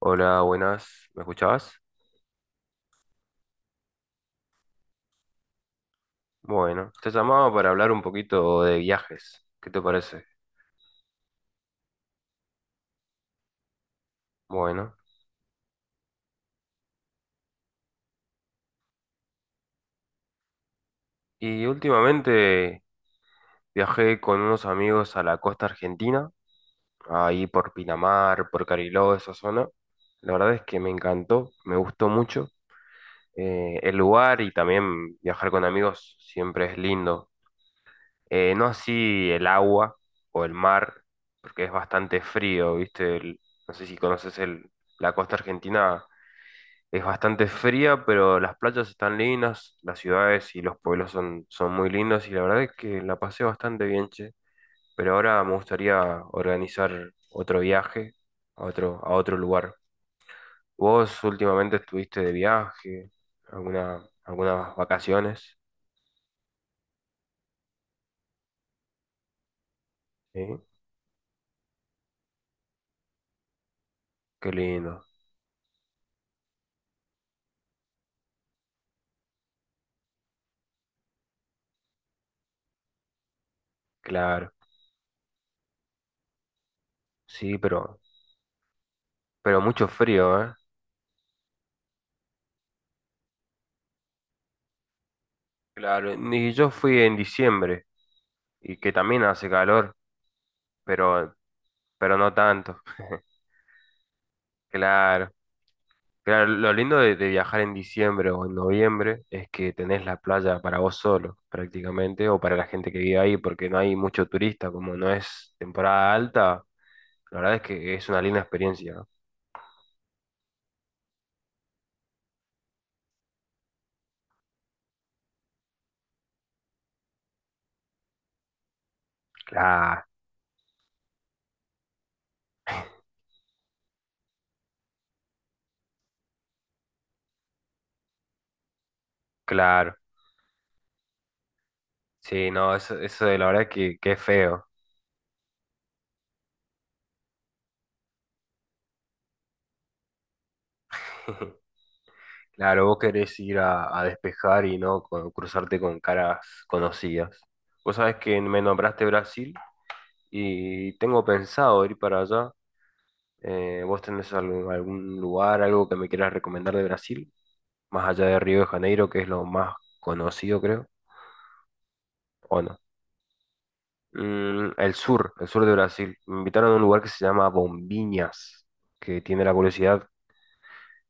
Hola, buenas. ¿Me escuchabas? Bueno, te llamaba para hablar un poquito de viajes. ¿Qué te parece? Bueno, y últimamente viajé con unos amigos a la costa argentina, ahí por Pinamar, por Cariló, esa zona. La verdad es que me encantó, me gustó mucho, el lugar, y también viajar con amigos siempre es lindo. No así el agua o el mar, porque es bastante frío, ¿viste? No sé si conoces la costa argentina. Es bastante fría, pero las playas están lindas, las ciudades y los pueblos son muy lindos, y la verdad es que la pasé bastante bien, che. Pero ahora me gustaría organizar otro viaje a a otro lugar. ¿Vos últimamente estuviste de viaje? Algunas vacaciones? ¿Sí? Qué lindo, claro. Sí, pero mucho frío, ¿eh? Claro, y yo fui en diciembre y que también hace calor, pero, pero no tanto. Claro. Claro, lo lindo de viajar en diciembre o en noviembre es que tenés la playa para vos solo, prácticamente, o para la gente que vive ahí, porque no hay mucho turista, como no es temporada alta, la verdad es que es una linda experiencia. Claro, claro. Sí, no, eso de la verdad que es feo. Claro, vos querés ir a despejar y no cruzarte con caras conocidas. Vos sabés que me nombraste Brasil y tengo pensado ir para allá. ¿Vos tenés algún lugar, algo que me quieras recomendar de Brasil? Más allá de Río de Janeiro, que es lo más conocido, creo, ¿o no? El sur de Brasil. Me invitaron a un lugar que se llama Bombinhas, que tiene la curiosidad.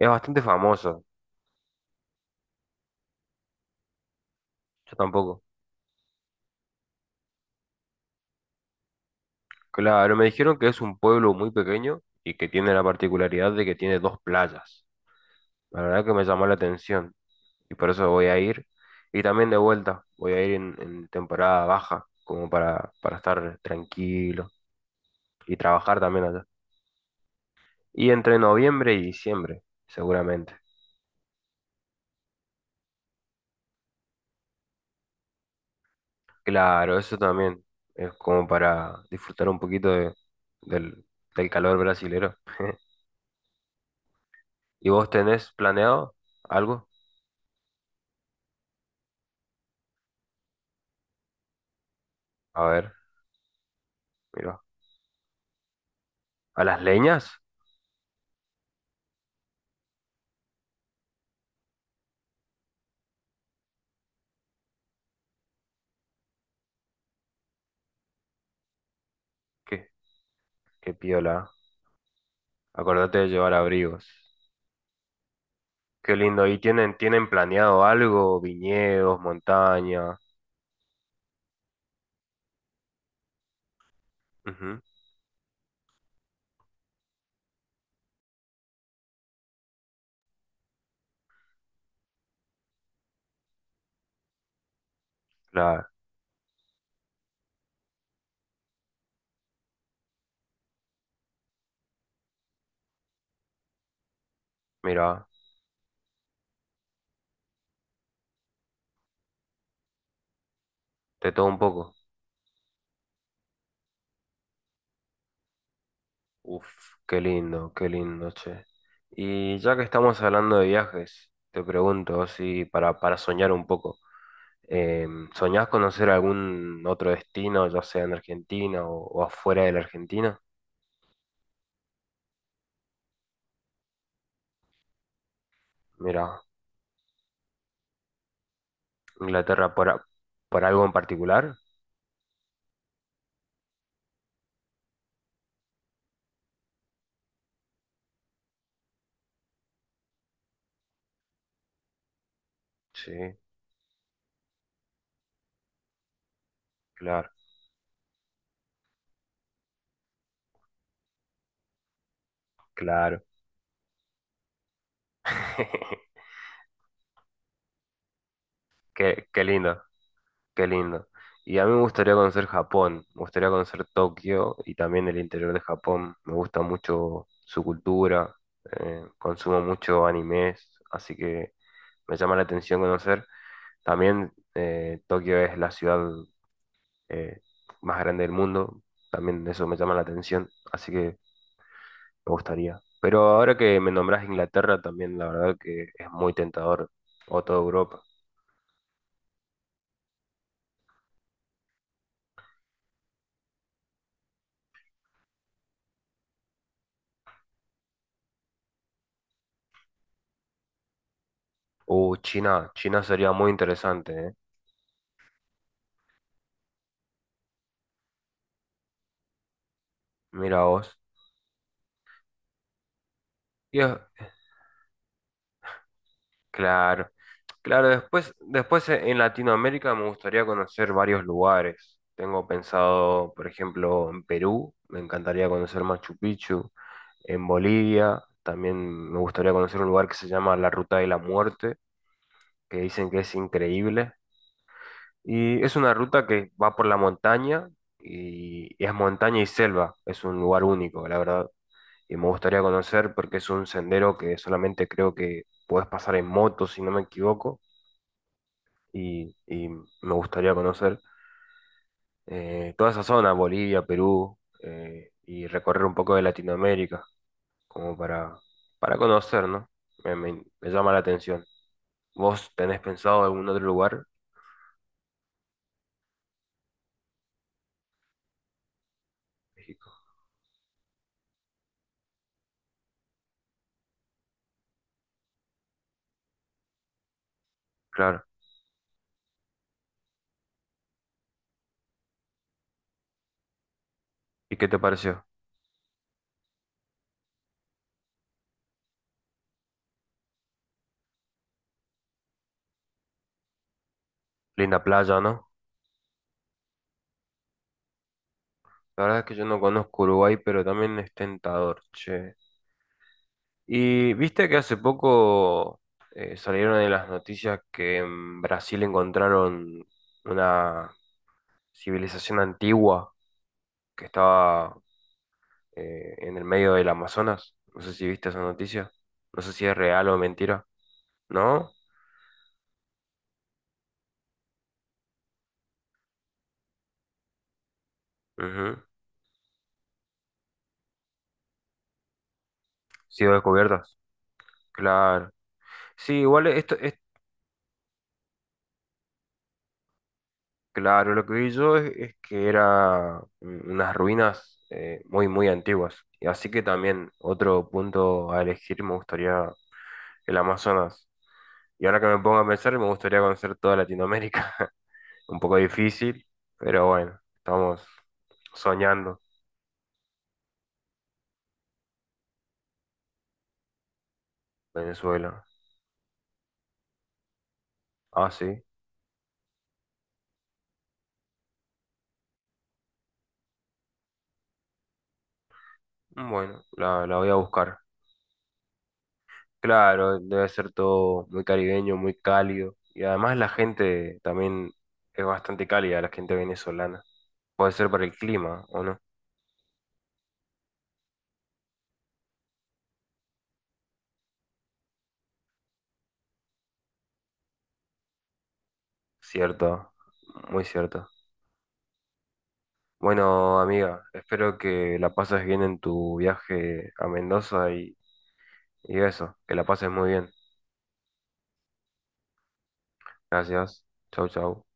Es bastante famoso, yo tampoco. Claro, me dijeron que es un pueblo muy pequeño y que tiene la particularidad de que tiene dos playas. La verdad que me llamó la atención, y por eso voy a ir. Y también de vuelta, voy a ir en temporada baja, como para estar tranquilo y trabajar también allá. Y entre noviembre y diciembre, seguramente. Claro, eso también es como para disfrutar un poquito del, del calor brasilero. ¿Y vos tenés planeado algo? A ver, mira. ¿A las leñas? ¿Qué, qué piola? Acordate de llevar abrigos. Qué lindo. ¿Y tienen planeado algo? Viñedos, montaña, ujú, claro, mira, de todo un poco. Uf, qué lindo, che. Y ya que estamos hablando de viajes, te pregunto, así para soñar un poco, eh, ¿soñás conocer algún otro destino, ya sea en Argentina o afuera de la Argentina? Mira, Inglaterra por, por algo en particular. Sí, claro, claro. Qué, qué lindo. Qué lindo. Y a mí me gustaría conocer Japón, me gustaría conocer Tokio y también el interior de Japón. Me gusta mucho su cultura, consumo mucho animes, así que me llama la atención conocer. También Tokio es la ciudad eh, más grande del mundo, también eso me llama la atención, así que me gustaría. Pero ahora que me nombras Inglaterra también, la verdad que es muy tentador, o toda Europa. China, China sería muy interesante, ¿eh? Mira vos. Y claro, claro, después en Latinoamérica me gustaría conocer varios lugares. Tengo pensado, por ejemplo, en Perú, me encantaría conocer Machu Picchu, en Bolivia, también me gustaría conocer un lugar que se llama la Ruta de la Muerte, que dicen que es increíble. Y es una ruta que va por la montaña y es montaña y selva, es un lugar único, la verdad. Y me gustaría conocer porque es un sendero que solamente creo que puedes pasar en moto, si no me equivoco y me gustaría conocer toda esa zona, Bolivia, Perú, y recorrer un poco de Latinoamérica, como para conocer, ¿no? Me, me llama la atención. ¿Vos tenés pensado algún otro lugar? México. Claro. ¿Y qué te pareció? Linda playa, ¿no? La verdad es que yo no conozco Uruguay, pero también es tentador, che. Y viste que hace poco salieron en las noticias que en Brasil encontraron una civilización antigua que estaba en el medio del Amazonas. No sé si viste esa noticia. No sé si es real o mentira. ¿No? Ujú. Sido descubiertas. Claro. Sí, igual esto es claro. Lo que vi yo es que era unas ruinas muy, muy antiguas. Y así que también otro punto a elegir me gustaría el Amazonas. Y ahora que me pongo a pensar, me gustaría conocer toda Latinoamérica. Un poco difícil, pero bueno, estamos soñando Venezuela. Ah, sí. Bueno, la voy a buscar. Claro, debe ser todo muy caribeño, muy cálido. Y además la gente también es bastante cálida, la gente venezolana. Puede ser por el clima, ¿o no? Cierto, muy cierto. Bueno, amiga, espero que la pases bien en tu viaje a Mendoza y eso, que la pases muy bien. Gracias. Chau, chau.